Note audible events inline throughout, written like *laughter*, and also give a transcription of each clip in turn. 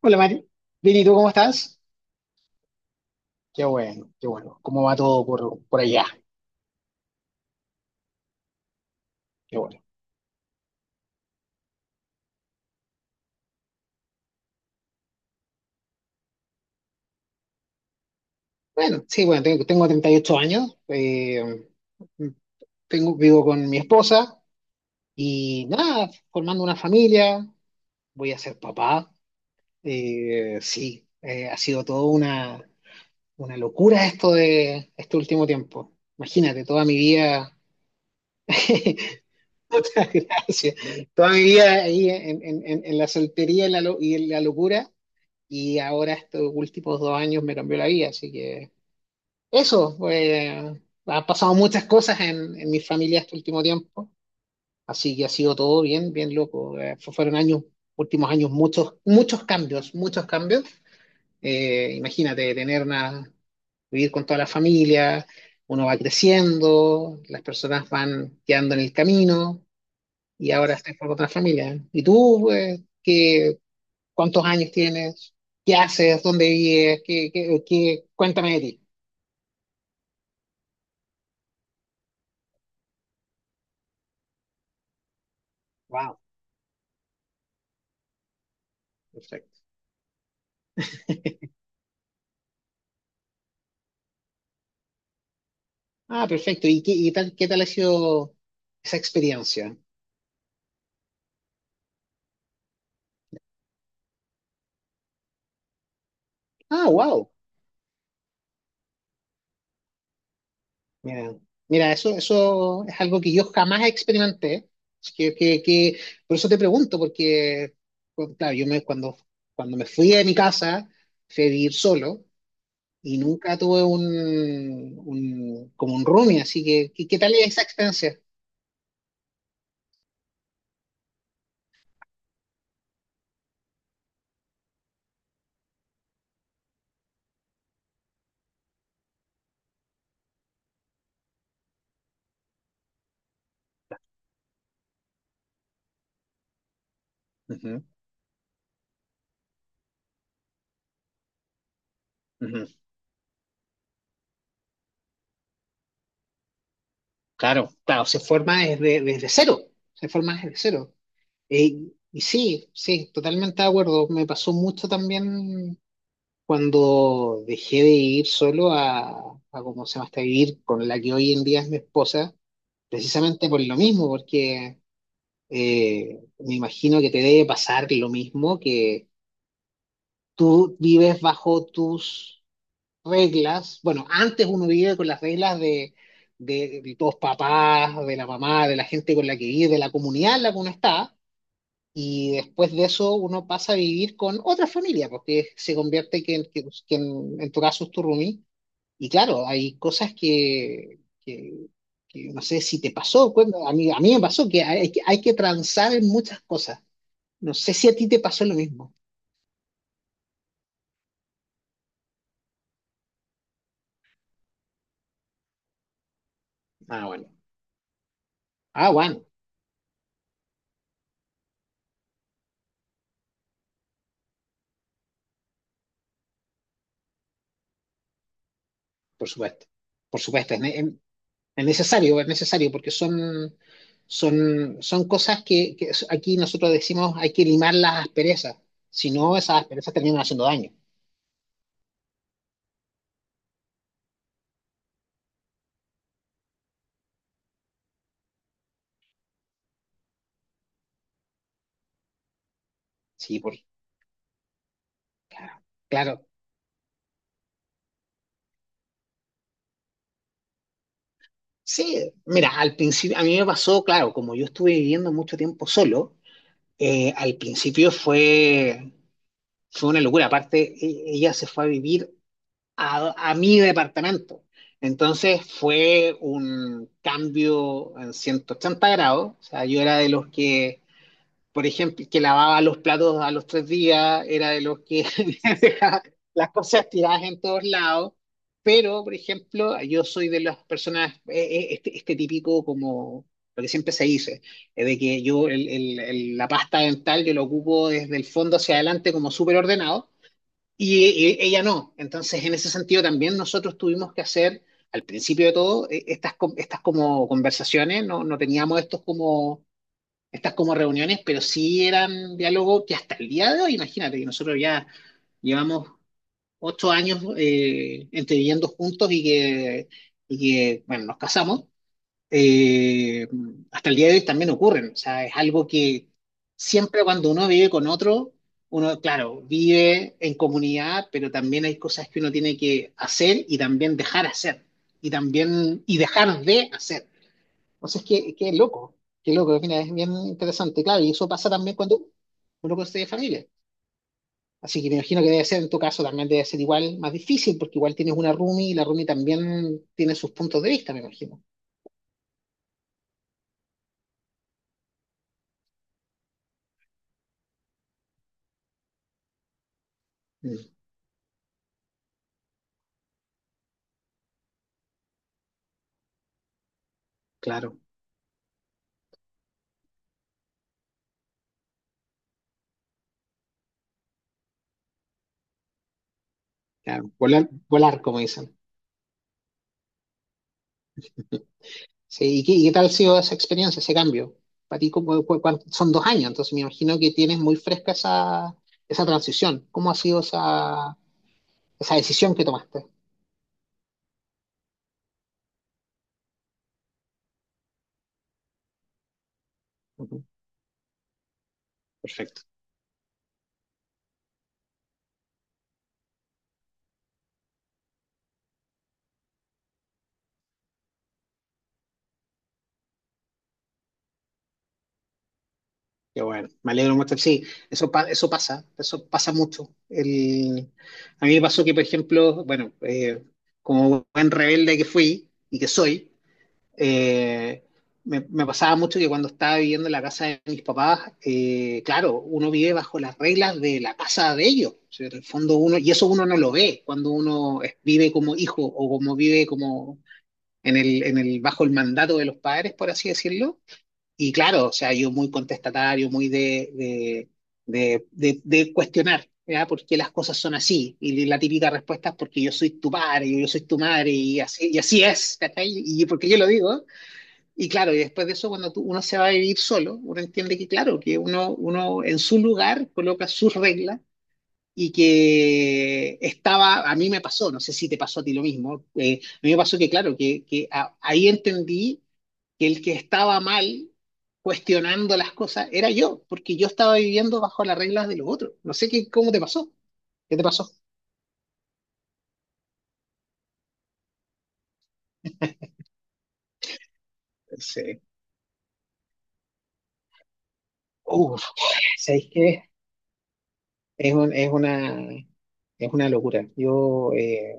Hola Mari, bien, ¿y tú cómo estás? Qué bueno, qué bueno. ¿Cómo va todo por allá? Qué bueno. Bueno, sí, bueno, tengo 38 años, tengo, vivo con mi esposa y nada, formando una familia, voy a ser papá. Sí, ha sido todo una locura esto de este último tiempo. Imagínate, toda mi vida, *laughs* muchas gracias, toda mi vida ahí en la soltería y la y en la locura. Y ahora estos últimos 2 años me cambió la vida, así que eso, pues, han pasado muchas cosas en mi familia este último tiempo, así que ha sido todo bien, bien loco. Fueron años, últimos años, muchos, muchos cambios, muchos cambios. Imagínate tener una, vivir con toda la familia, uno va creciendo, las personas van quedando en el camino y ahora estoy con otra familia. ¿Y tú, pues, qué, ¿cuántos años tienes? ¿Qué haces? ¿Dónde vives? ¿Qué? Cuéntame de ti. Wow, perfecto. Ah, perfecto. ¿Y qué, y tal, qué tal ha sido esa experiencia? Ah, wow. Mira, mira, eso es algo que yo jamás experimenté. Es que. Por eso te pregunto, porque, pues, claro, yo me, cuando, cuando me fui de mi casa, fui a vivir solo y nunca tuve un como un roomie, así que, ¿qué, qué tal esa experiencia? Ujú, ujú. Claro, claro, se forma desde, desde cero, se forma desde cero. Eh, y sí, sí, totalmente de acuerdo. Me pasó mucho también cuando dejé de ir solo a cómo se llama, hasta vivir con la que hoy en día es mi esposa, precisamente por lo mismo, porque me imagino que te debe pasar lo mismo, que tú vives bajo tus reglas. Bueno, antes uno vive con las reglas de los papás, de la mamá, de la gente con la que vive, de la comunidad en la que uno está. Y después de eso uno pasa a vivir con otra familia, porque se convierte que en tu caso es tu roomie. Y claro, hay cosas que no sé si te pasó, cuéntame, a mí me pasó que hay, que hay que transar en muchas cosas. No sé si a ti te pasó lo mismo. Ah, bueno. Ah, bueno, por supuesto. Por supuesto, es, es necesario, es necesario, porque son cosas que aquí nosotros decimos hay que limar las asperezas, si no esas asperezas terminan haciendo daño. Sí, por, claro, claro. Sí, mira, al principio, a mí me pasó, claro, como yo estuve viviendo mucho tiempo solo, al principio fue, fue una locura. Aparte, ella se fue a vivir a mi departamento. Entonces fue un cambio en 180 grados. O sea, yo era de los que por ejemplo, que lavaba los platos a los 3 días, era de los que *laughs* dejaba las cosas tiradas en todos lados. Pero, por ejemplo, yo soy de las personas, este, este típico como lo que siempre se dice, es de que yo la pasta dental yo la ocupo desde el fondo hacia adelante como súper ordenado y, ella no. Entonces, en ese sentido también nosotros tuvimos que hacer, al principio de todo, estas, estas como conversaciones, no teníamos estos como estas como reuniones, pero sí eran diálogos que hasta el día de hoy, imagínate, que nosotros ya llevamos 8 años entre viviendo juntos y bueno, nos casamos, eh, hasta el día de hoy también ocurren. O sea, es algo que siempre cuando uno vive con otro, uno, claro, vive en comunidad, pero también hay cosas que uno tiene que hacer y también dejar hacer, y también, y dejar de hacer. O sea entonces, que qué loco, mira, es bien interesante, claro, y eso pasa también cuando uno construye familia. Así que me imagino que debe ser, en tu caso, también debe ser igual más difícil, porque igual tienes una roomie y la roomie también tiene sus puntos de vista, me imagino. Mm, claro, claro, volar, volar, como dicen. Sí, y qué tal ha sido esa experiencia, ese cambio? Para ti, son 2 años, entonces me imagino que tienes muy fresca esa, esa transición. ¿Cómo ha sido esa, esa decisión que tomaste? Ujú, perfecto. Qué bueno, me alegro mucho. Sí, eso, eso pasa mucho. El, a mí me pasó que, por ejemplo, bueno, como buen rebelde que fui y que soy, eh, me pasaba mucho que cuando estaba viviendo en la casa de mis papás, claro, uno vive bajo las reglas de la casa de ellos. O sea, en el fondo uno, y eso uno no lo ve cuando uno vive como hijo o como vive como en el, bajo el mandato de los padres, por así decirlo y claro, o sea, yo muy contestatario, muy de cuestionar, ¿ya? ¿Por qué las cosas son así? Y la típica respuesta es porque yo soy tu padre, yo soy tu madre, y así es, ¿cachai? Y porque yo lo digo. Y claro, y después de eso, cuando uno se va a vivir solo, uno entiende que, claro, que uno, uno en su lugar coloca sus reglas y que estaba, a mí me pasó, no sé si te pasó a ti lo mismo, a mí me pasó que claro, ahí entendí que el que estaba mal cuestionando las cosas era yo, porque yo estaba viviendo bajo las reglas de los otros. No sé qué, cómo te pasó, qué te pasó. Sí. Uf, ¿sabéis qué? Es un, es una locura. Yo,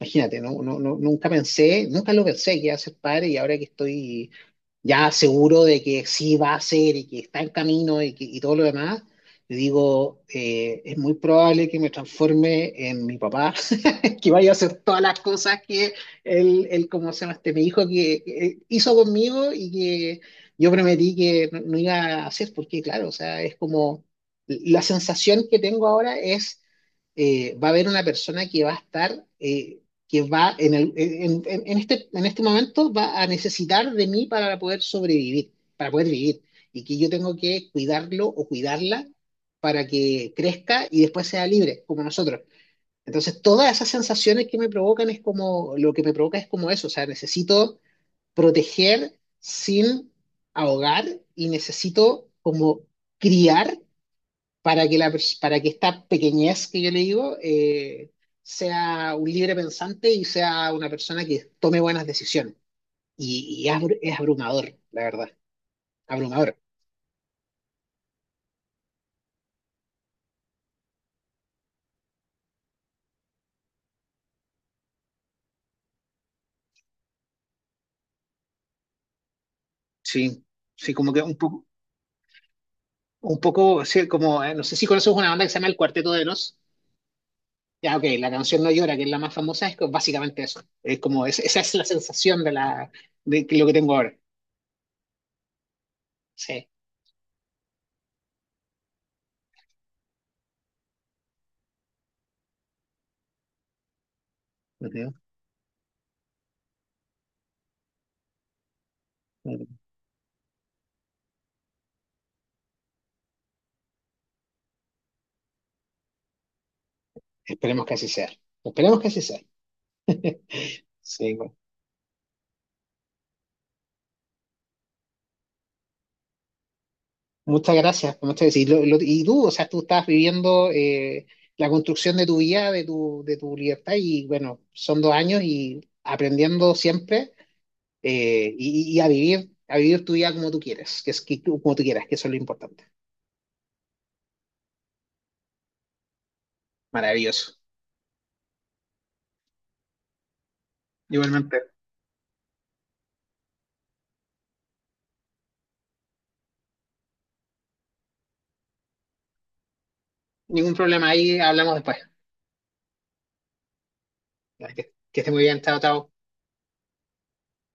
imagínate, nunca pensé, nunca lo pensé que iba a ser padre y ahora que estoy ya seguro de que sí va a ser y que está en camino y, que, y todo lo demás, yo digo, es muy probable que me transforme en mi papá, *laughs* que vaya a hacer todas las cosas que él como se llama este, mi hijo que hizo conmigo y que yo prometí que no iba a hacer, porque claro, o sea, es como la sensación que tengo ahora es, va a haber una persona que va a estar, que va en este, en este momento va a necesitar de mí para poder sobrevivir, para poder vivir, y que yo tengo que cuidarlo o cuidarla para que crezca y después sea libre, como nosotros. Entonces, todas esas sensaciones que me provocan es como, lo que me provoca es como eso, o sea, necesito proteger sin ahogar y necesito como criar para que, la, para que esta pequeñez que yo le digo sea un libre pensante y sea una persona que tome buenas decisiones. Y, es abrumador, la verdad, abrumador. Sí, sí, como que un poco, sí, como, no sé si conoces una banda que se llama El Cuarteto de Nos. Ya, ok, la canción No Llora, que es la más famosa, es básicamente eso. Es como, esa es la sensación de, la, lo que tengo ahora. Sí. Ujú. Esperemos que así sea. Esperemos que así sea. Sí, bueno. Muchas gracias. Y, y tú, o sea, tú estás viviendo la construcción de tu vida, de tu libertad, y bueno, son 2 años y aprendiendo siempre y a vivir tu vida como tú quieres, que es como tú quieras, que eso es lo importante. Maravilloso. Igualmente. Ningún problema, ahí hablamos después. Que esté muy bien, chao, chao.